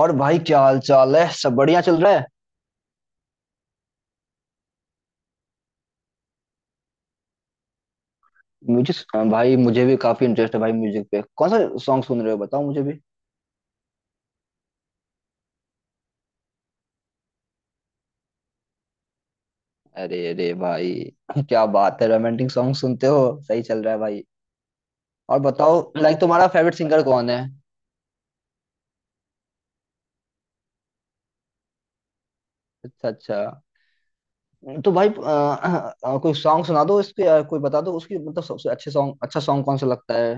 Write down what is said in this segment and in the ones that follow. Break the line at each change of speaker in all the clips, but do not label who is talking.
और भाई क्या हाल चाल है। सब बढ़िया चल रहा है। म्यूजिक भाई मुझे भी काफी इंटरेस्ट है भाई म्यूजिक पे। कौन सा सॉन्ग सुन रहे हो बताओ मुझे भी। अरे अरे भाई क्या बात है। रोमांटिक सॉन्ग सुनते हो। सही चल रहा है भाई। और बताओ, लाइक तुम्हारा फेवरेट सिंगर कौन है। अच्छा अच्छा। तो भाई कोई सॉन्ग सुना दो इसके कोई बता दो उसकी, मतलब सबसे अच्छे सॉन्ग, अच्छा सॉन्ग कौन सा लगता है।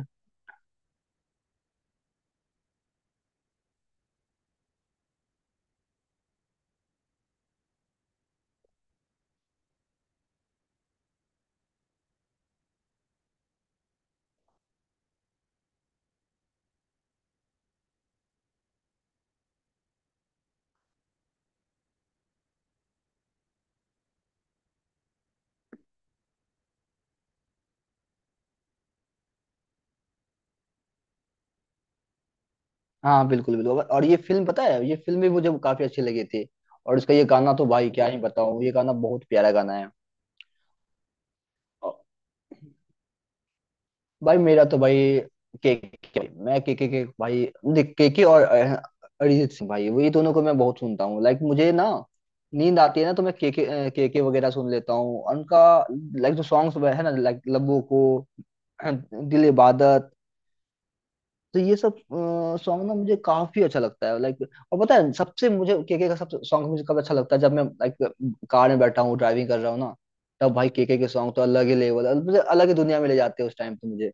हाँ बिल्कुल बिल्कुल, और ये फिल्म, पता है ये फिल्म भी मुझे काफी अच्छी लगी थी। और इसका ये गाना तो भाई क्या ही बताऊं, ये गाना बहुत प्यारा गाना है। भाई मेरा तो भाई केके, मैं केके के भाई देख, केके और अरिजीत सिंह भाई, वही दोनों को मैं बहुत सुनता हूँ। लाइक मुझे ना नींद आती है ना, तो मैं केके केके वगैरह सुन लेता हूँ उनका। लाइक जो सॉन्ग्स है ना, लाइक लबों को, दिल इबादत, तो ये सब सॉन्ग ना मुझे काफी अच्छा लगता है लाइक। और पता है सबसे, मुझे केके का सबसे सॉन्ग मुझे कब अच्छा लगता है, जब मैं लाइक कार में बैठा हूँ, ड्राइविंग कर रहा हूँ ना, तब भाई केके के सॉन्ग तो अलग ही लेवल, मुझे अलग ही दुनिया में ले जाते हैं उस टाइम पे मुझे।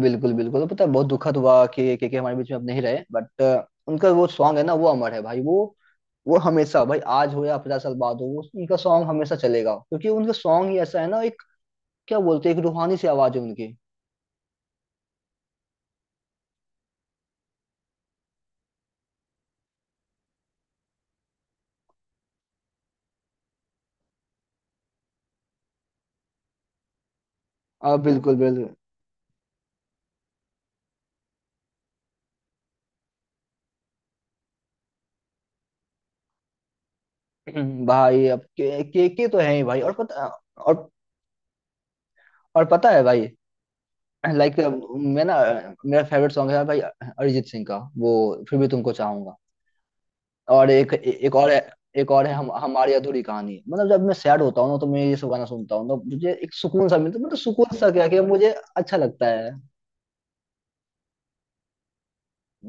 बिल्कुल बिल्कुल, पता है बहुत दुखद हुआ कि के हमारे बीच में अब नहीं रहे, बट उनका वो सॉन्ग है ना वो अमर है भाई, वो हमेशा भाई, आज हो या 50 साल बाद हो, वो उनका सॉन्ग हमेशा चलेगा, क्योंकि उनका सॉन्ग ही ऐसा है ना एक, क्या बोलते हैं, एक रूहानी सी आवाज है उनकी। बिल्कुल बिल्कुल। भाई अब के तो है ही भाई, और पता, और और पता है भाई लाइक, मैं ना, मेरा फेवरेट सॉन्ग है भाई अरिजीत सिंह का, वो फिर भी तुमको चाहूंगा। और एक एक और है, एक और है, हम हमारी अधूरी कहानी, मतलब जब मैं सैड होता हूँ ना, तो मैं ये सब गाना सुनता हूँ, तो मुझे एक सुकून सा मिलता है, मतलब सुकून सा क्या, कि मुझे अच्छा लगता है।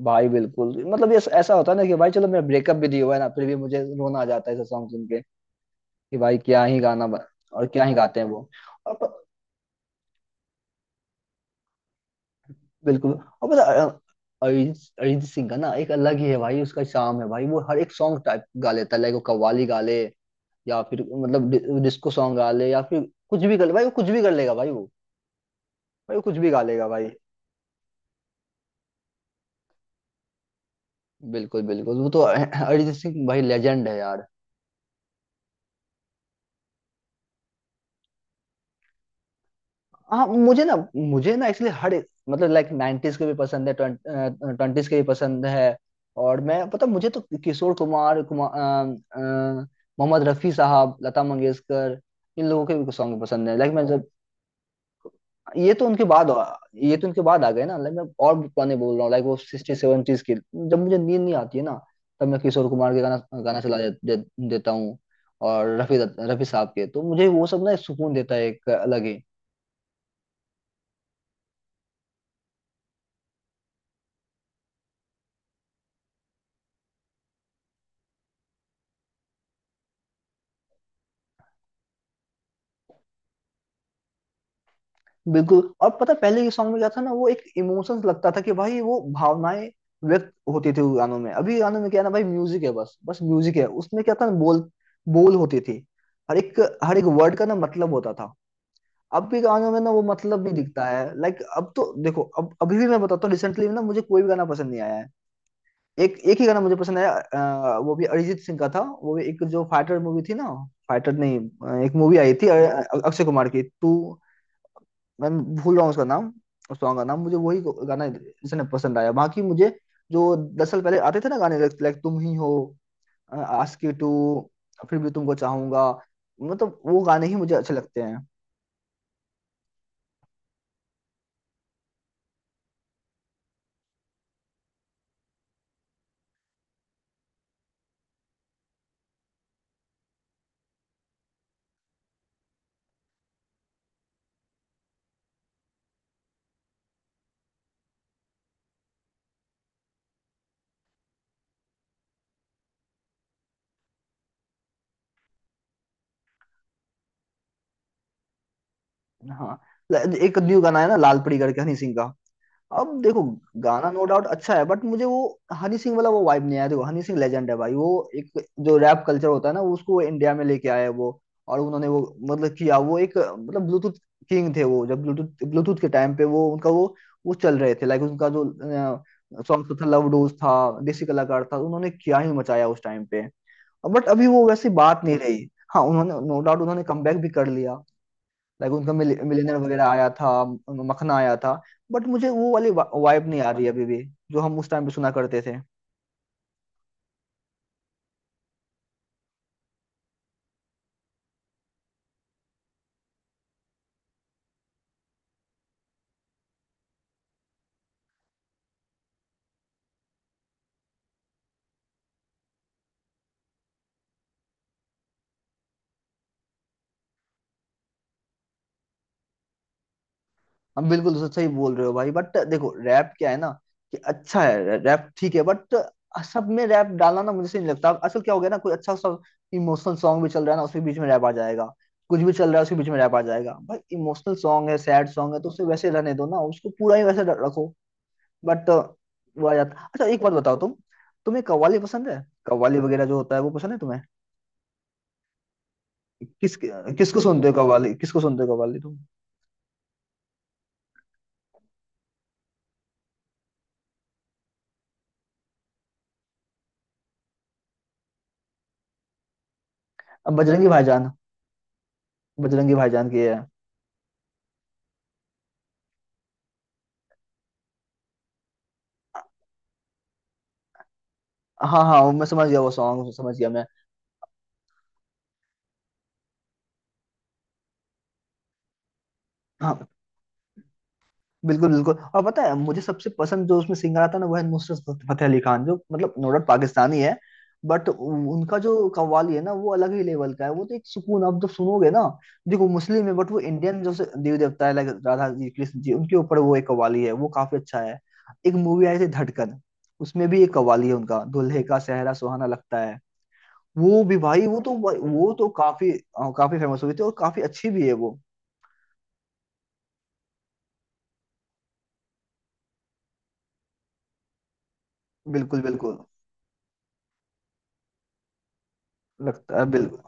भाई बिल्कुल मतलब, ये ऐसा होता है ना कि भाई चलो मेरा ब्रेकअप भी दिया हुआ है ना, फिर भी मुझे रोना आ जाता है ऐसा सॉन्ग सुन के, कि भाई क्या ही गाना और क्या ही गाते हैं वो, और प- बिल्कुल और पता है, अरिजीत अरिजीत सिंह का ना एक अलग ही है भाई उसका, शाम है भाई, वो हर एक सॉन्ग टाइप गा लेता है, लाइक वो कव्वाली गा ले, या फिर मतलब डिस्को सॉन्ग गा ले, या फिर कुछ भी कर ले भाई, वो कुछ भी कर लेगा भाई वो, भाई वो कुछ भी गा लेगा भाई। बिल्कुल बिल्कुल, वो तो अरिजीत सिंह भाई लेजेंड है यार। हाँ मुझे ना, मुझे ना एक्चुअली हर मतलब लाइक 90s के भी पसंद है, 20s के भी पसंद है। और मैं पता, मुझे तो किशोर कुमार कुमार अ, अ, मोहम्मद रफी साहब, लता मंगेशकर, इन लोगों के भी सॉन्ग पसंद है। लाइक मैं जब, ये तो उनके बाद ये तो उनके बाद आ गए ना। लाइक मैं और भी पुराने बोल रहा हूँ, लाइक वो 60s 70s के, जब मुझे नींद नहीं आती है ना, तब मैं किशोर कुमार के गाना गाना चला दे, दे, देता हूँ। और रफी रफी साहब के तो मुझे वो सब ना एक सुकून देता है, एक अलग ही। बिल्कुल और पता है, पहले के सॉन्ग में क्या था ना, वो एक इमोशंस, लगता था कि भाई वो भावनाएं व्यक्त होती थी उस गानों में। अभी गानों में क्या है ना भाई, म्यूजिक है बस बस म्यूजिक है, उसमें क्या था ना बोल, होती थी, हर एक वर्ड का ना मतलब होता था। अब भी गानों में ना वो मतलब नहीं दिखता है, लाइक अब तो देखो अब अभी भी मैं बताता हूँ, रिसेंटली ना मुझे कोई भी गाना पसंद नहीं आया है। एक एक ही गाना मुझे पसंद आया वो भी अरिजीत सिंह का था, वो भी एक जो फाइटर मूवी थी ना, फाइटर नहीं एक मूवी आई थी अक्षय कुमार की, तू मैं भूल रहा हूँ उसका नाम, उस सॉन्ग का नाम मुझे, वही गाना इसने पसंद आया, बाकी मुझे जो 10 साल पहले आते थे ना गाने, लाइक तुम ही हो, आस्की टू, फिर भी तुमको चाहूंगा, मतलब वो गाने ही मुझे अच्छे लगते हैं। हाँ एक न्यू गाना है ना लाल परी करके, हनी सिंह का। अब देखो गाना नो डाउट अच्छा है, बट मुझे वो हनी सिंह वाला वो वाइब नहीं आया। देखो हनी सिंह लेजेंड है भाई वो, एक जो रैप कल्चर होता है ना, उसको इंडिया में लेके आए हैं वो। और उन्होंने वो, मतलब किया वो, एक मतलब ब्लूटूथ किंग थे वो, जब ब्लूटूथ ब्लूटूथ के टाइम पे वो उनका वो चल रहे थे। लाइक उनका जो सॉन्ग था, लव डोज था, देसी कलाकार था, उन्होंने क्या ही मचाया उस टाइम पे, बट अभी वो वैसी बात नहीं रही। हाँ उन्होंने नो डाउट उन्होंने कमबैक भी कर लिया, लाइक उनका मिलियनर वगैरह आया था, मखना आया था, बट मुझे वो वाली वाइब नहीं आ रही अभी भी, जो हम उस टाइम पे सुना करते थे। हम बिल्कुल सही बोल रहे हो भाई, बट देखो रैप क्या है ना, कि अच्छा है रैप ठीक है, बट सब में रैप डालना ना मुझे सही नहीं लगता। असल क्या हो गया ना, कोई अच्छा सा इमोशनल सॉन्ग भी चल रहा है ना, उसके बीच में रैप आ जाएगा, कुछ भी चल रहा है उसके बीच में रैप आ जाएगा। भाई इमोशनल सॉन्ग है, सैड सॉन्ग है, तो उसे वैसे रहने दो ना, उसको पूरा ही वैसे रखो। बट वो आ जाता। अच्छा एक बात बताओ, तुम्हें कव्वाली पसंद है। कव्वाली वगैरह जो होता है वो पसंद है तुम्हें। किस किसको सुनते हो कव्वाली, किसको सुनते हो कव्वाली तुम। अब बजरंगी भाईजान, बजरंगी भाईजान की है। हाँ हाँ वो मैं समझ गया, वो सॉन्ग समझ गया मैं। हाँ बिल्कुल बिल्कुल, और पता है मुझे सबसे पसंद, जो उसमें सिंगर आता है ना वो है नुसरत फतेह अली खान, जो मतलब नो डाउट पाकिस्तानी है, बट उनका जो कव्वाली है ना वो अलग ही लेवल का है, वो तो एक सुकून, आप जब सुनोगे ना। देखो मुस्लिम है, बट वो इंडियन जो देव देवता है लाइक राधा जी कृष्ण जी, उनके ऊपर वो एक कव्वाली है, वो काफी अच्छा है। एक मूवी आई थी धड़कन, उसमें भी एक कव्वाली है उनका, दुल्हे का सेहरा सुहाना लगता है, वो भी भाई वो तो, वो तो काफी काफी फेमस हुई थी, और काफी अच्छी भी है वो। बिल्कुल बिल्कुल लगता है बिल्कुल।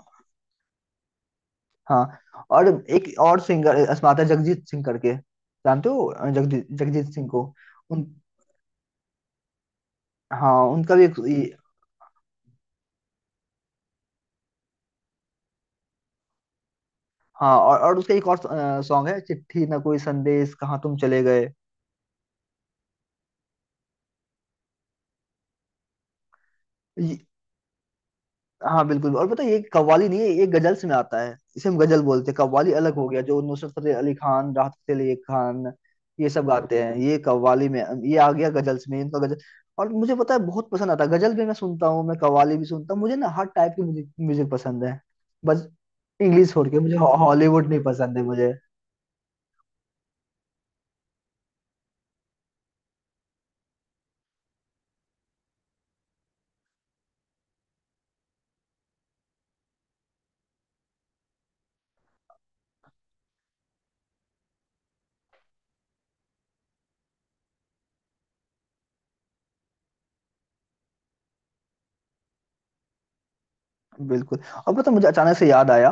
हाँ और एक और सिंगर अस्माता, जगजीत सिंह करके, जानते हो जगजीत जगजीत सिंह को। उन, हाँ उनका भी एक हाँ और उसका एक और सॉन्ग है, चिट्ठी ना कोई संदेश कहाँ तुम चले गए। हाँ बिल्कुल और पता है, ये कव्वाली नहीं है, ये गजल्स में आता है, इसे हम गजल बोलते हैं। कव्वाली अलग हो गया, जो नुसरत फतेह अली खान, राहत फतेह अली खान, ये सब गाते हैं ये कव्वाली में। ये आ गया गजल्स में, इनका गजल। और मुझे पता है बहुत पसंद आता है, गजल भी मैं सुनता हूँ, मैं कव्वाली भी सुनता हूँ, मुझे ना हर टाइप की म्यूजिक म्यूजिक पसंद है। बस इंग्लिश छोड़ के मुझे, हॉलीवुड नहीं पसंद है मुझे। बिल्कुल और पता है, मुझे अचानक से याद आया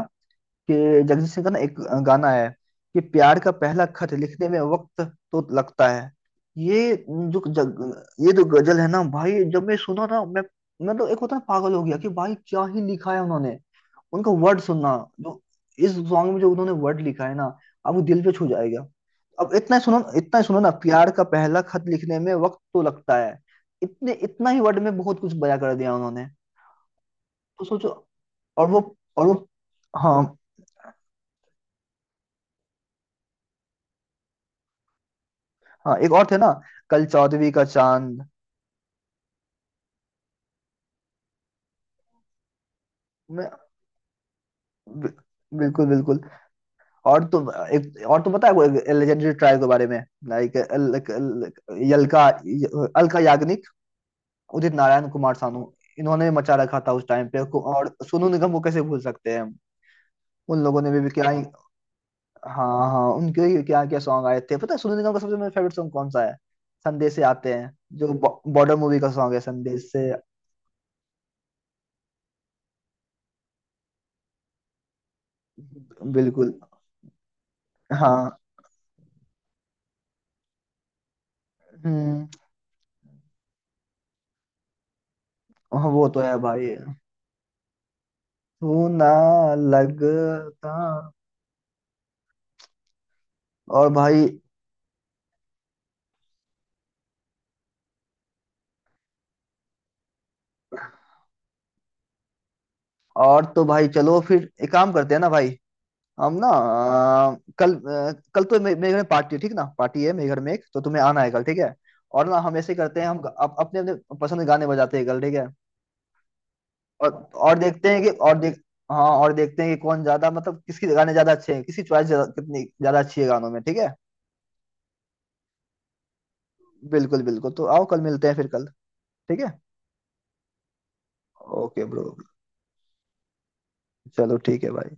कि जगजीत सिंह का ना एक गाना है, कि प्यार का पहला खत लिखने में वक्त तो लगता है। ये जो गजल है ना भाई, जब मैं सुना ना मैं तो एक होता है ना, पागल हो गया, कि भाई क्या ही लिखा है उन्होंने, उनका वर्ड सुनना। जो इस सॉन्ग में जो उन्होंने वर्ड लिखा है ना, अब वो दिल पे छू जाएगा। अब इतना ही सुनो, इतना ही सुनो ना, प्यार का पहला खत लिखने में वक्त तो लगता है, इतने इतना ही वर्ड में बहुत कुछ बयां कर दिया उन्होंने, तो सोचो। और वो और वो हाँ हाँ, एक और थे ना, कल चौदहवीं का चांद। मैं बि- बिल्कुल बिल्कुल। और तो एक और तो पता है वो लेजेंडरी ट्राइब के बारे में, लाइक यलका अलका याग्निक, उदित नारायण, कुमार सानू, इन्होंने मचा रखा था उस टाइम पे। और सोनू निगम को कैसे भूल सकते हैं हम? उन लोगों ने भी क्या ही, हाँ हाँ उनके ही क्या क्या सॉन्ग आए थे। पता है सोनू निगम का सबसे मेरा फेवरेट सॉन्ग कौन सा है? संदेश से आते हैं, जो बॉर्डर मूवी का सॉन्ग है, संदेश से। बिल्कुल। हाँ। हम्म। हाँ, वो तो है भाई तू ना लगता। और भाई, और तो भाई चलो फिर एक काम करते हैं ना भाई, हम ना कल तो मेरे घर में पार्टी है, ठीक ना, पार्टी है मेरे घर में, एक तो तुम्हें आना है कल ठीक है। और ना हम ऐसे करते हैं, हम अपने अपने पसंद के गाने बजाते हैं कल ठीक है। और देखते हैं कि और देख हाँ और देखते हैं कि कौन ज्यादा, मतलब किसकी गाने ज्यादा अच्छे हैं, किसकी चॉइस कितनी ज्यादा अच्छी है गानों में, ठीक है। बिल्कुल बिल्कुल, तो आओ कल मिलते हैं फिर, कल ठीक है। ओके ब्रो, चलो ठीक है भाई।